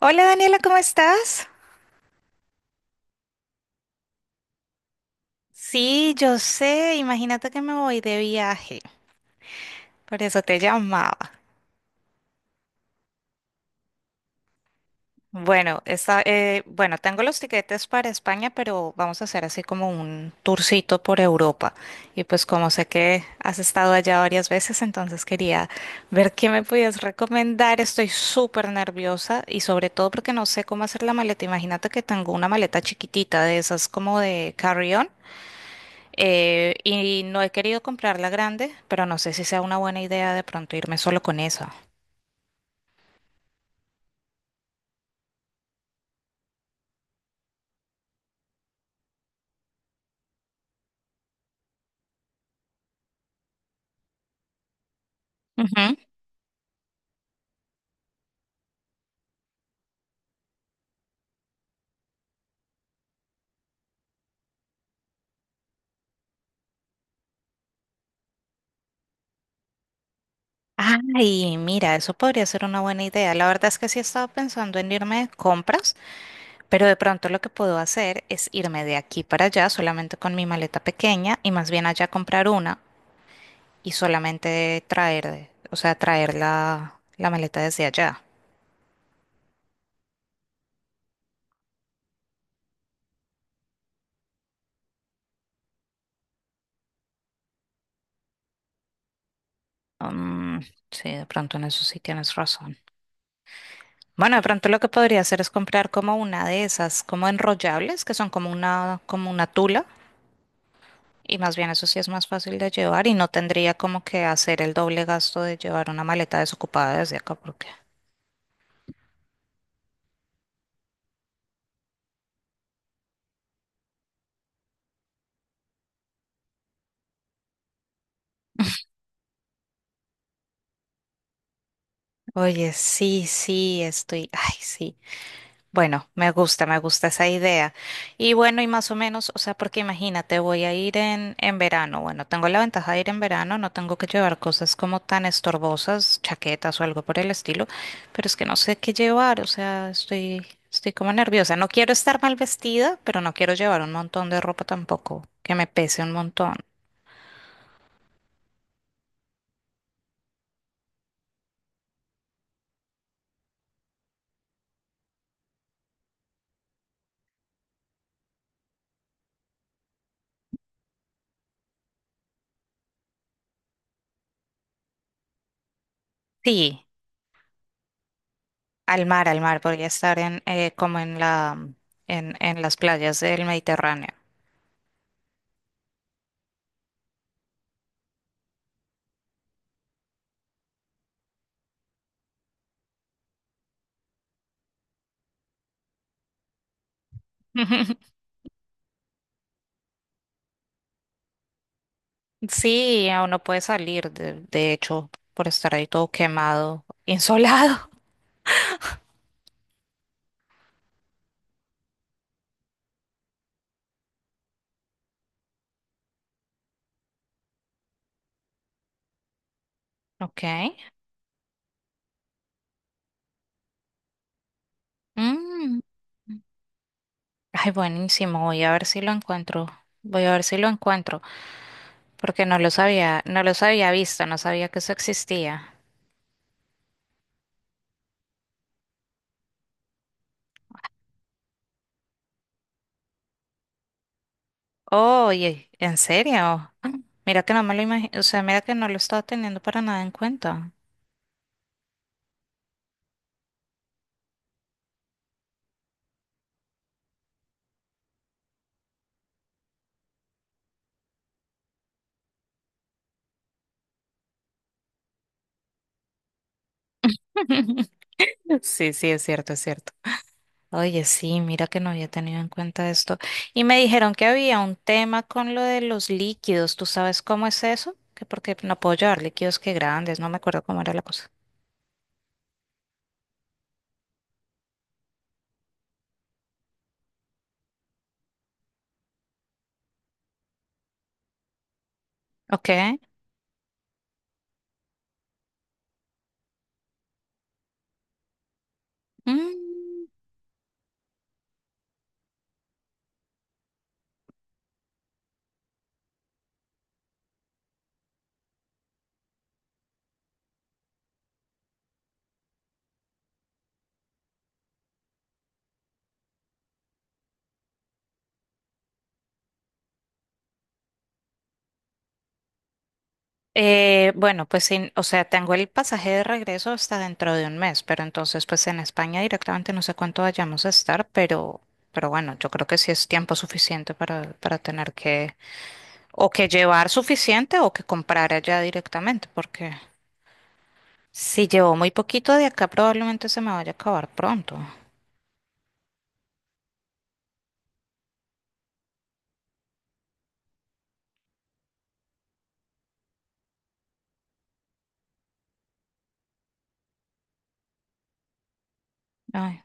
Hola Daniela, ¿cómo estás? Sí, yo sé, imagínate que me voy de viaje, por eso te llamaba. Bueno, tengo los tiquetes para España, pero vamos a hacer así como un tourcito por Europa. Y pues como sé que has estado allá varias veces, entonces quería ver qué me podías recomendar. Estoy súper nerviosa y sobre todo porque no sé cómo hacer la maleta. Imagínate que tengo una maleta chiquitita de esas como de carry-on. Y no he querido comprar la grande, pero no sé si sea una buena idea de pronto irme solo con esa. Ujú. Ay, mira, eso podría ser una buena idea. La verdad es que sí he estado pensando en irme de compras, pero de pronto lo que puedo hacer es irme de aquí para allá solamente con mi maleta pequeña y más bien allá comprar una y solamente traer, o sea, traer la maleta desde allá. Mm, sí, de pronto en eso sí tienes razón. Bueno, de pronto lo que podría hacer es comprar como una de esas, como enrollables, que son como una, tula, y más bien eso sí es más fácil de llevar y no tendría como que hacer el doble gasto de llevar una maleta desocupada desde acá, porque. Oye, sí, sí, estoy, ay, sí. Bueno, me gusta esa idea. Y bueno, y más o menos, o sea, porque imagínate, voy a ir en verano. Bueno, tengo la ventaja de ir en verano, no tengo que llevar cosas como tan estorbosas, chaquetas o algo por el estilo, pero es que no sé qué llevar, o sea, estoy como nerviosa. No quiero estar mal vestida, pero no quiero llevar un montón de ropa tampoco, que me pese un montón. Sí, al mar, podría estar en, como en la, en las playas del Mediterráneo. Sí, aún no puede salir, de hecho, por estar ahí todo quemado, insolado. Ok. Mm. Ay, buenísimo. Voy a ver si lo encuentro. Voy a ver si lo encuentro, porque no los había visto, no sabía que eso existía. Oye, ¿en serio? Ah, mira que no me lo imagino, o sea, mira que no lo estaba teniendo para nada en cuenta. Sí, sí, es cierto, es cierto. Oye, sí, mira que no había tenido en cuenta esto. Y me dijeron que había un tema con lo de los líquidos. ¿Tú sabes cómo es eso? Que porque no puedo llevar líquidos que grandes, no me acuerdo cómo era la cosa. Ok. Mm, bueno, pues sí, o sea, tengo el pasaje de regreso hasta dentro de un mes, Pero entonces pues en España directamente no sé cuánto vayamos a estar, pero bueno, yo creo que sí es tiempo suficiente para tener que o que llevar suficiente o que comprar allá directamente, porque si llevo muy poquito de acá, probablemente se me vaya a acabar pronto. Ay,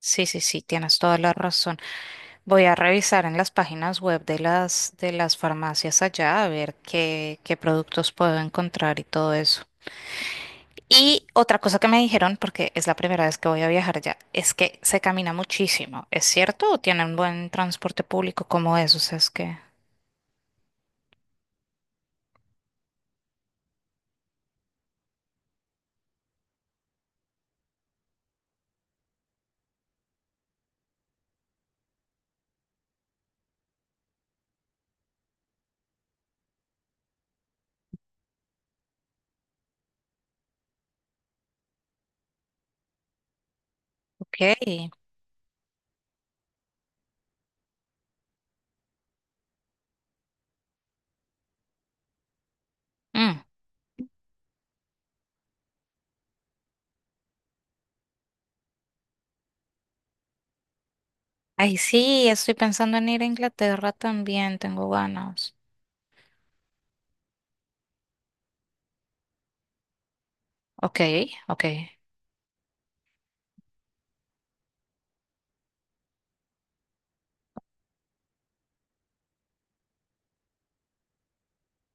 sí, sí, sí, tienes toda la razón. Voy a revisar en las páginas web de las farmacias allá a ver qué, productos puedo encontrar y todo eso. Y otra cosa que me dijeron, porque es la primera vez que voy a viajar allá, es que se camina muchísimo. ¿Es cierto? ¿O tienen buen transporte público como eso? O sea, es que. Ok. Mm. Ay, sí, estoy pensando en ir a Inglaterra también, tengo ganas. Ok, ok.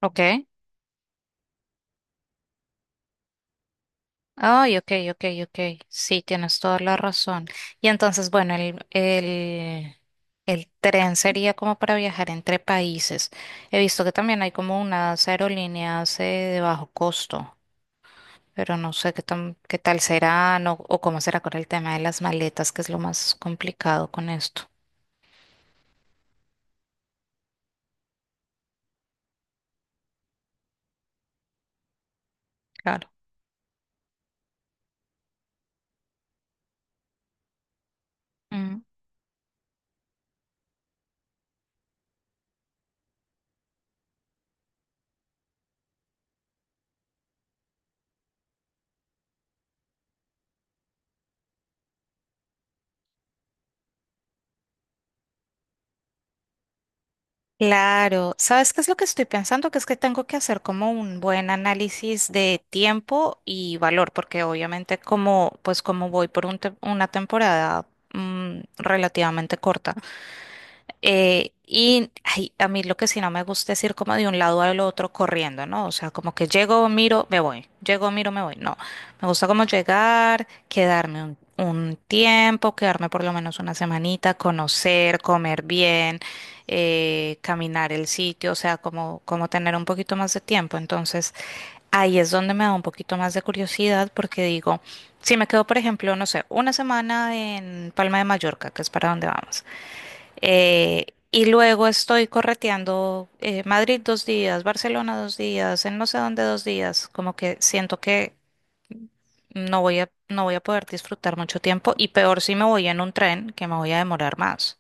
Ok. Ay, ok, ok, ok. Sí, tienes toda la razón. Y entonces, bueno, el tren sería como para viajar entre países. He visto que también hay como unas aerolíneas de bajo costo, pero no sé qué tal serán o cómo será con el tema de las maletas, que es lo más complicado con esto. Claro. Claro, ¿sabes qué es lo que estoy pensando? Que es que tengo que hacer como un buen análisis de tiempo y valor, porque obviamente como, pues como voy por una temporada relativamente corta, y ay, a mí lo que sí no me gusta es ir como de un lado al otro corriendo, ¿no? O sea, como que llego, miro, me voy, llego, miro, me voy. No, me gusta como llegar, quedarme un tiempo, quedarme por lo menos una semanita, conocer, comer bien, caminar el sitio, o sea, como tener un poquito más de tiempo. Entonces, ahí es donde me da un poquito más de curiosidad porque digo, si me quedo, por ejemplo, no sé, una semana en Palma de Mallorca, que es para donde vamos. Y luego estoy correteando Madrid dos días, Barcelona dos días, en no sé dónde dos días. Como que siento que no voy a poder disfrutar mucho tiempo y peor si me voy en un tren, que me voy a demorar más.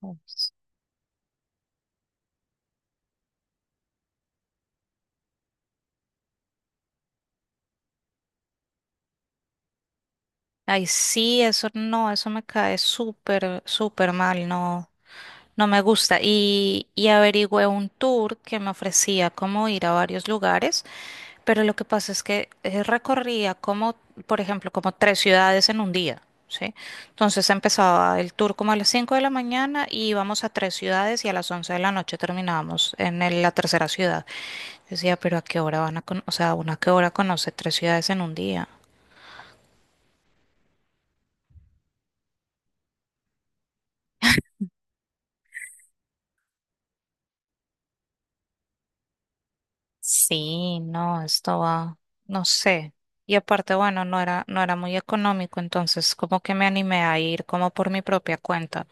Pues. Ay, sí, eso no, eso me cae súper, súper mal, no, no me gusta. Y averigüé un tour que me ofrecía como ir a varios lugares. Pero lo que pasa es que recorría como, por ejemplo, como tres ciudades en un día, ¿sí? Entonces empezaba el tour como a las 5 de la mañana y íbamos a tres ciudades y a las 11 de la noche terminábamos en la tercera ciudad. Decía, pero ¿a qué hora van a conocer? O sea, ¿una a qué hora conoce tres ciudades en un día? Sí, no, esto va, no sé. Y aparte, bueno, no era muy económico, entonces como que me animé a ir como por mi propia cuenta.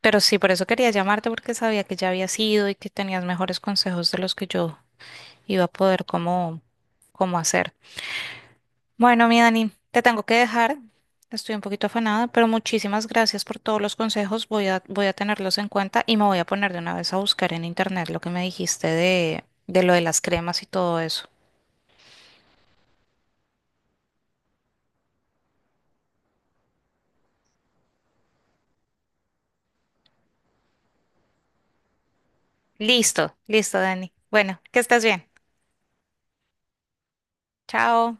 Pero sí, por eso quería llamarte porque sabía que ya habías ido y que tenías mejores consejos de los que yo iba a poder cómo, hacer. Bueno, mi Dani, te tengo que dejar. Estoy un poquito afanada, pero muchísimas gracias por todos los consejos. Voy a tenerlos en cuenta y me voy a poner de una vez a buscar en internet lo que me dijiste de lo de las cremas y todo eso. Listo, listo, Dani. Bueno, que estés bien. Chao.